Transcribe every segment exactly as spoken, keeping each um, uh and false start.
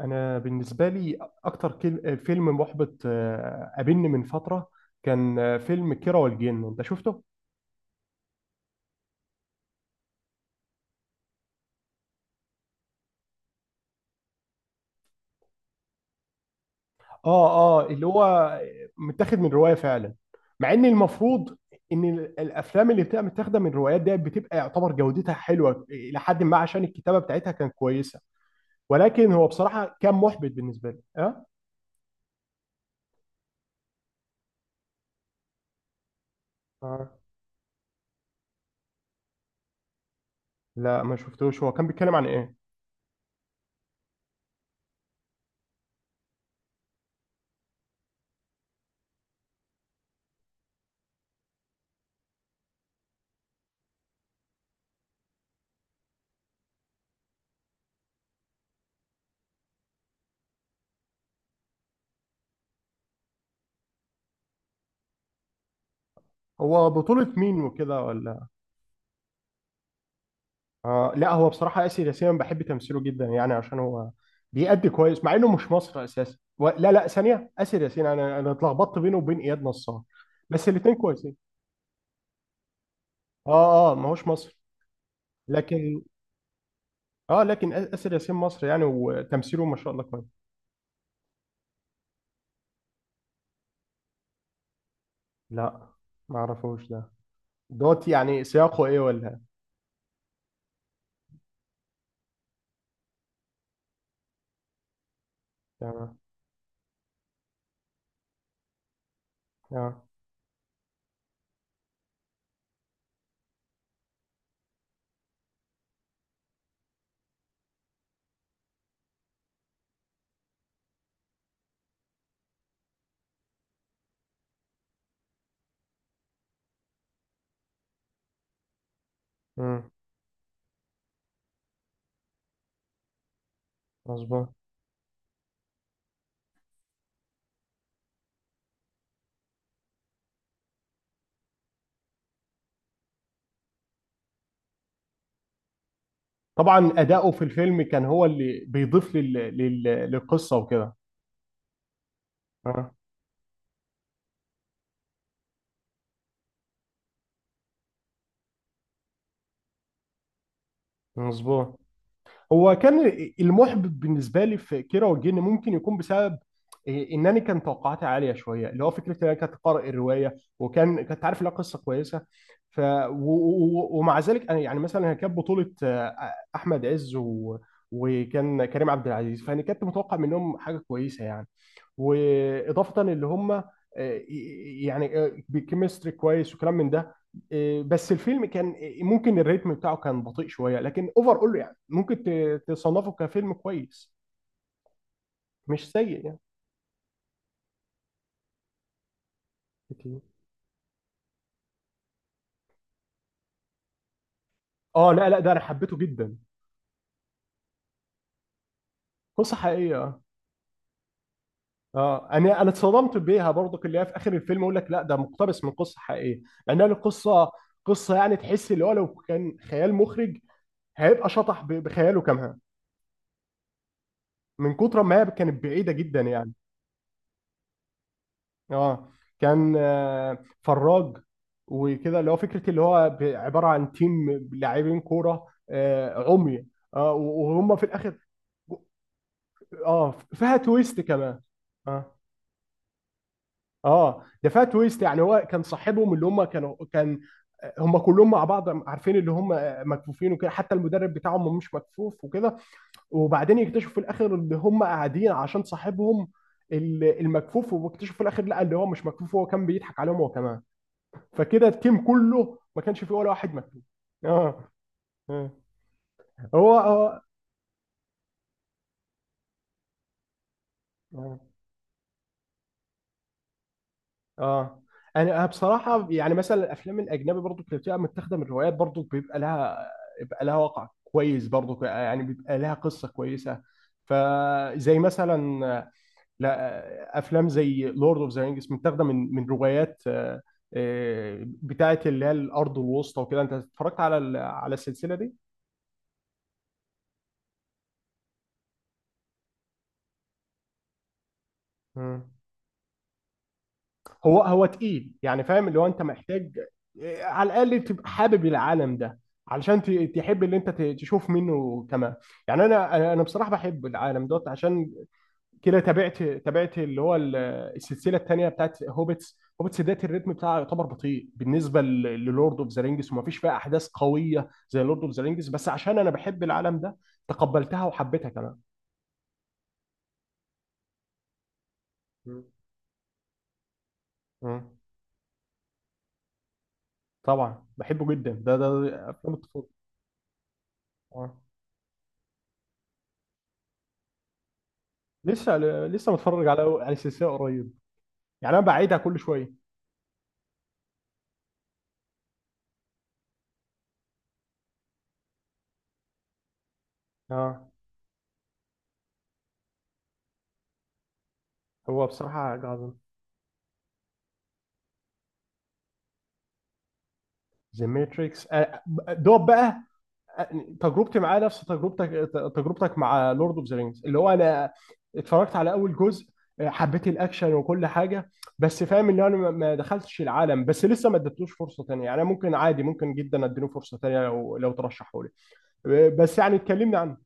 انا بالنسبه لي اكتر كل... فيلم محبط، آه، قابلني من فتره. كان آه، فيلم كيرة والجن. انت شفته؟ اه، اه، اللي هو متاخد من روايه فعلا، مع ان المفروض ان ال- الافلام اللي بتبقى متاخده من روايات دي بتبقى يعتبر جودتها حلوه الى حد ما عشان الكتابه بتاعتها كانت كويسه. ولكن هو بصراحه كان محبط بالنسبه لي اه, آه. لا، ما شفتوش. هو كان بيتكلم عن ايه؟ هو بطوله مين وكده ولا؟ آه، لا، هو بصراحة آسر ياسين بحب تمثيله جدا يعني عشان هو بيأدي كويس مع إنه مش مصري أساسا، و... لا، لا، ثانية، آسر ياسين. أنا أنا اتلخبطت بينه وبين إياد نصار، بس الاتنين كويسين. آه، آه، ما هوش مصري لكن. آه، لكن آ- آسر ياسين مصري يعني وتمثيله ما شاء الله كويس. لا، ما أعرفوش ده. دوت يعني سياقه إيه ولا إيه؟ تمام. آه. أمم، مظبوط. طبعا أداؤه في الفيلم كان هو اللي بيضيف لل... لل... للقصة وكده. آه. مظبوط. هو كان المحبط بالنسبه لي في كيرة والجن ممكن يكون بسبب إيه، ان انا كان توقعاتي عاليه شويه، اللي هو فكره ان انا كنت قارئ الروايه وكان كنت عارف لها قصه كويسه، ف و... و... ومع ذلك انا يعني مثلا هي كانت بطوله آه، احمد عز و... وكان كريم عبد العزيز. فانا كنت متوقع منهم حاجه كويسه يعني، واضافه اللي هم آه، يعني آه، بكيمستري كويس وكلام من ده. آه، بس الفيلم كان آه، ممكن الريتم بتاعه كان بطيء شويه، لكن اوفر اول يعني ممكن ت- تصنفه كفيلم كويس، مش سيء يعني. اه، لا، لا، ده انا حبيته جدا. قصه حقيقيه، اه. آه، انا انا اتصدمت بيها برضك، اللي هي في اخر الفيلم يقول لك لا ده مقتبس من قصه حقيقيه. يعني القصه قصه، يعني تحس اللي هو لو كان خيال مخرج هيبقى شطح ب- بخياله كمان من كتر ما هي كانت بعيده جدا يعني. اه، كان آه، فراج وكده، اللي هو فكره اللي هو ب- عباره عن تيم لاعبين كوره آه، عمي. اه، وهم في الاخر. اه، فيها تويست كمان. اه، اه، ده فيها تويست، يعني هو كان صاحبهم اللي هم كانوا كان آه، هم كلهم مع بعض عارفين اللي هم آه، مكفوفين وكده، حتى المدرب بتاعهم مش مكفوف وكده. وبعدين يكتشفوا في الاخر ان هم قاعدين عشان صاحبهم ال- المكفوف، واكتشفوا في الاخر لا اللي هو مش مكفوف، هو كان بيضحك عليهم هو كمان. فكده التيم كله ما كانش فيه ولا واحد مكتوب. اه. آه. هو هو، اه. آه. انا بصراحه يعني مثلا الافلام الاجنبي برضو اللي بتبقى متاخده من روايات برضو بيبقى لها بيبقى لها وقع كويس برضو، يعني بيبقى لها قصه كويسه. فزي مثلا، لا، افلام زي لورد اوف ذا رينجز متاخده من من روايات، آه، آه، بتاعه، اللي هي الارض الوسطى وكده. انت اتفرجت على ال- على السلسله دي؟ هو هو تقيل يعني، فاهم اللي هو انت محتاج إيه، على الاقل تبقى حابب العالم ده علشان ت- تحب اللي انت ت- تشوف منه كمان يعني. انا انا أنا بصراحه بحب العالم دوت، عشان كده تابعت تابعت اللي هو ال- السلسله الثانيه بتاعت هوبتس هوبتس ديت. الريتم بتاعه يعتبر بطيء بالنسبه للورد اوف ذا رينجز، وما فيش فيها احداث قويه زي لورد اوف ذا رينجز، بس عشان انا بحب العالم ده تقبلتها وحبيتها كمان. مم. مم. طبعا بحبه جدا، ده ده ده- افلام الطفوله. آه. لسه لسه متفرج على على سلسله قريب، يعني انا بعيدها كل شويه، اه. هو بصراحه حاجة عظيمه. ذا ماتريكس، دوب بقى، آه، تجربتي معاه نفس تجربتك تجربتك مع لورد اوف ذا رينجز، اللي هو انا اتفرجت على اول جزء. آه، حبيت الاكشن وكل حاجه، بس فاهم ان انا ما ما دخلتش العالم، بس لسه ما اديتلوش فرصه تانية. يعني أنا ممكن عادي، ممكن جدا اديله فرصه تانية لو لو ترشحوا لي، آه، بس يعني اتكلمنا عنه.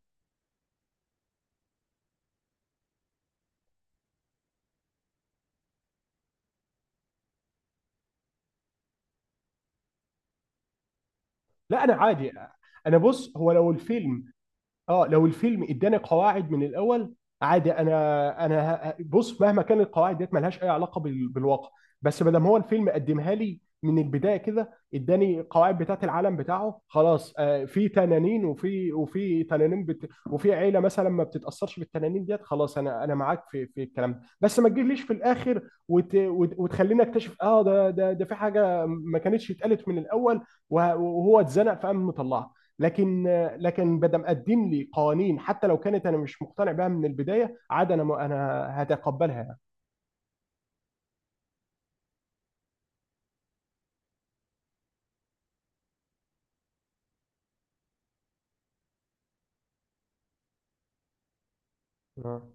لا، انا عادي. انا، بص، هو لو الفيلم اه لو الفيلم اداني قواعد من الاول، عادي. انا انا ه- ه- بص، مهما كانت القواعد ديت ملهاش اي علاقه بال- بالواقع. بس ما دام هو الفيلم قدمها لي من البدايه كده اداني القواعد بتاعت العالم بتاعه، خلاص، آه في تنانين وفي وفي تنانين بت وفي عيله مثلا ما بتتاثرش بالتنانين ديت، خلاص انا انا معاك في في الكلام ده. بس ما تجيليش في الاخر وت وت- وتخليني اكتشف اه ده ده ده في حاجه ما كانتش اتقالت من الاول، وه- وهو اتزنق فقام مطلعها. لكن لكن بدم قدم لي قوانين حتى لو كانت انا مش مقتنع بها من البدايه، عاد انا م... انا هتقبلها يعني. آه.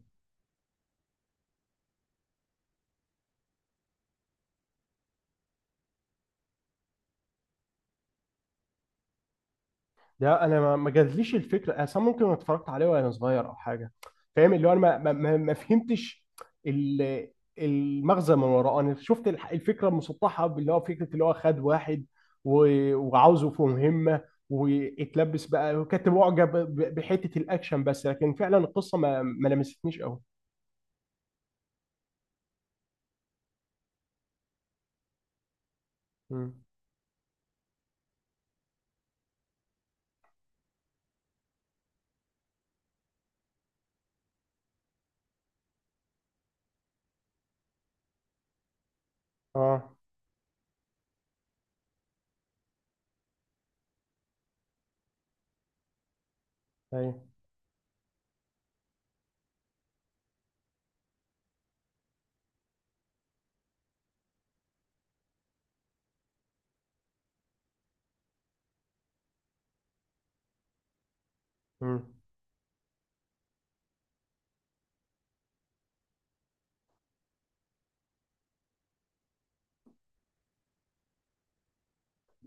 ده انا ما ما جاتليش الفكره اصلا، ممكن اتفرجت عليه وانا صغير او حاجه. فاهم اللي هو انا ما, ما, ما ما فهمتش ال- المغزى من وراه. انا شفت الح- الفكره المسطحه، اللي هو فكره اللي هو خد واحد و- وعاوزه في مهمه واتلبس بقى، وكنت معجب ب- بحته الاكشن بس، لكن فعلا القصه ما ما لمستنيش قوي. مم. اه، ايوه. مم.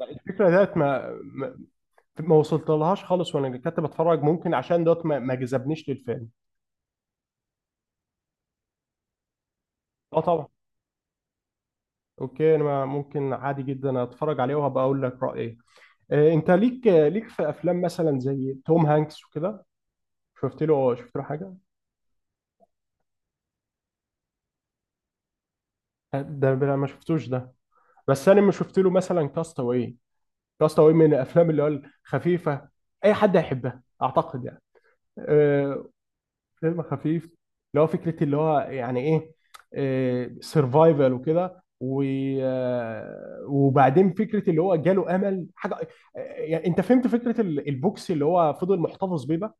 الفكره ديت ما ما, ما وصلت لهاش خالص وانا كنت بتفرج، ممكن عشان دوت ما, ما, جذبنيش للفيلم. اه، طبعا. اوكي، انا ما- ممكن عادي جدا اتفرج عليه وهبقى اقول لك رايي. آه، انت ليك ليك في افلام مثلا زي توم هانكس وكده؟ شفت له شفت له حاجه؟ آه، ده أنا ما شفتوش ده. بس انا ما شفت له مثلا كاستاوي. كاستاوي من الافلام اللي هو الخفيفه، اي حد هيحبها اعتقد يعني. آه، فيلم خفيف، اللي هو فكرة اللي هو يعني ايه سرفايفل وكده، و- آه، وبعدين فكرة اللي هو جاله امل حاجة. آه، يعني انت فهمت فكرة ال- البوكس اللي هو فضل محتفظ بيه بقى،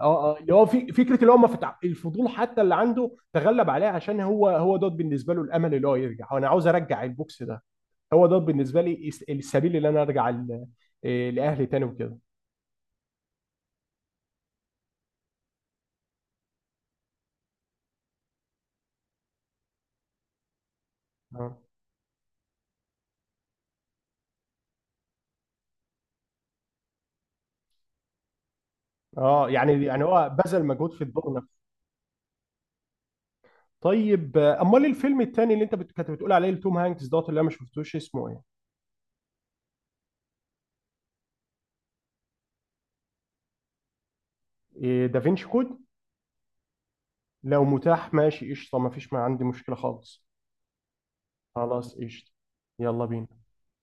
اه. آه، اللي هو في فكرة اللي هو ما فتح الفضول حتى اللي عنده تغلب عليه عشان هو هو دوت بالنسبة له الامل، اللي هو يرجع، وانا عاوز ارجع البوكس ده. هو دوت بالنسبة لي الس- السبيل اللي انا ارجع ل- آه، لاهلي تاني وكده، اه. آه، يعني يعني هو بذل مجهود في الدور. طيب، آه، امال إيه الفيلم التاني اللي انت بت- كنت بتقول عليه لتوم هانكس دوت، اللي انا ما شفتوش اسمه ايه؟ إيه دافينشي كود؟ لو متاح، ماشي قشطه، ما فيش ما عندي مشكله خالص. خلاص قشطه. يلا بينا.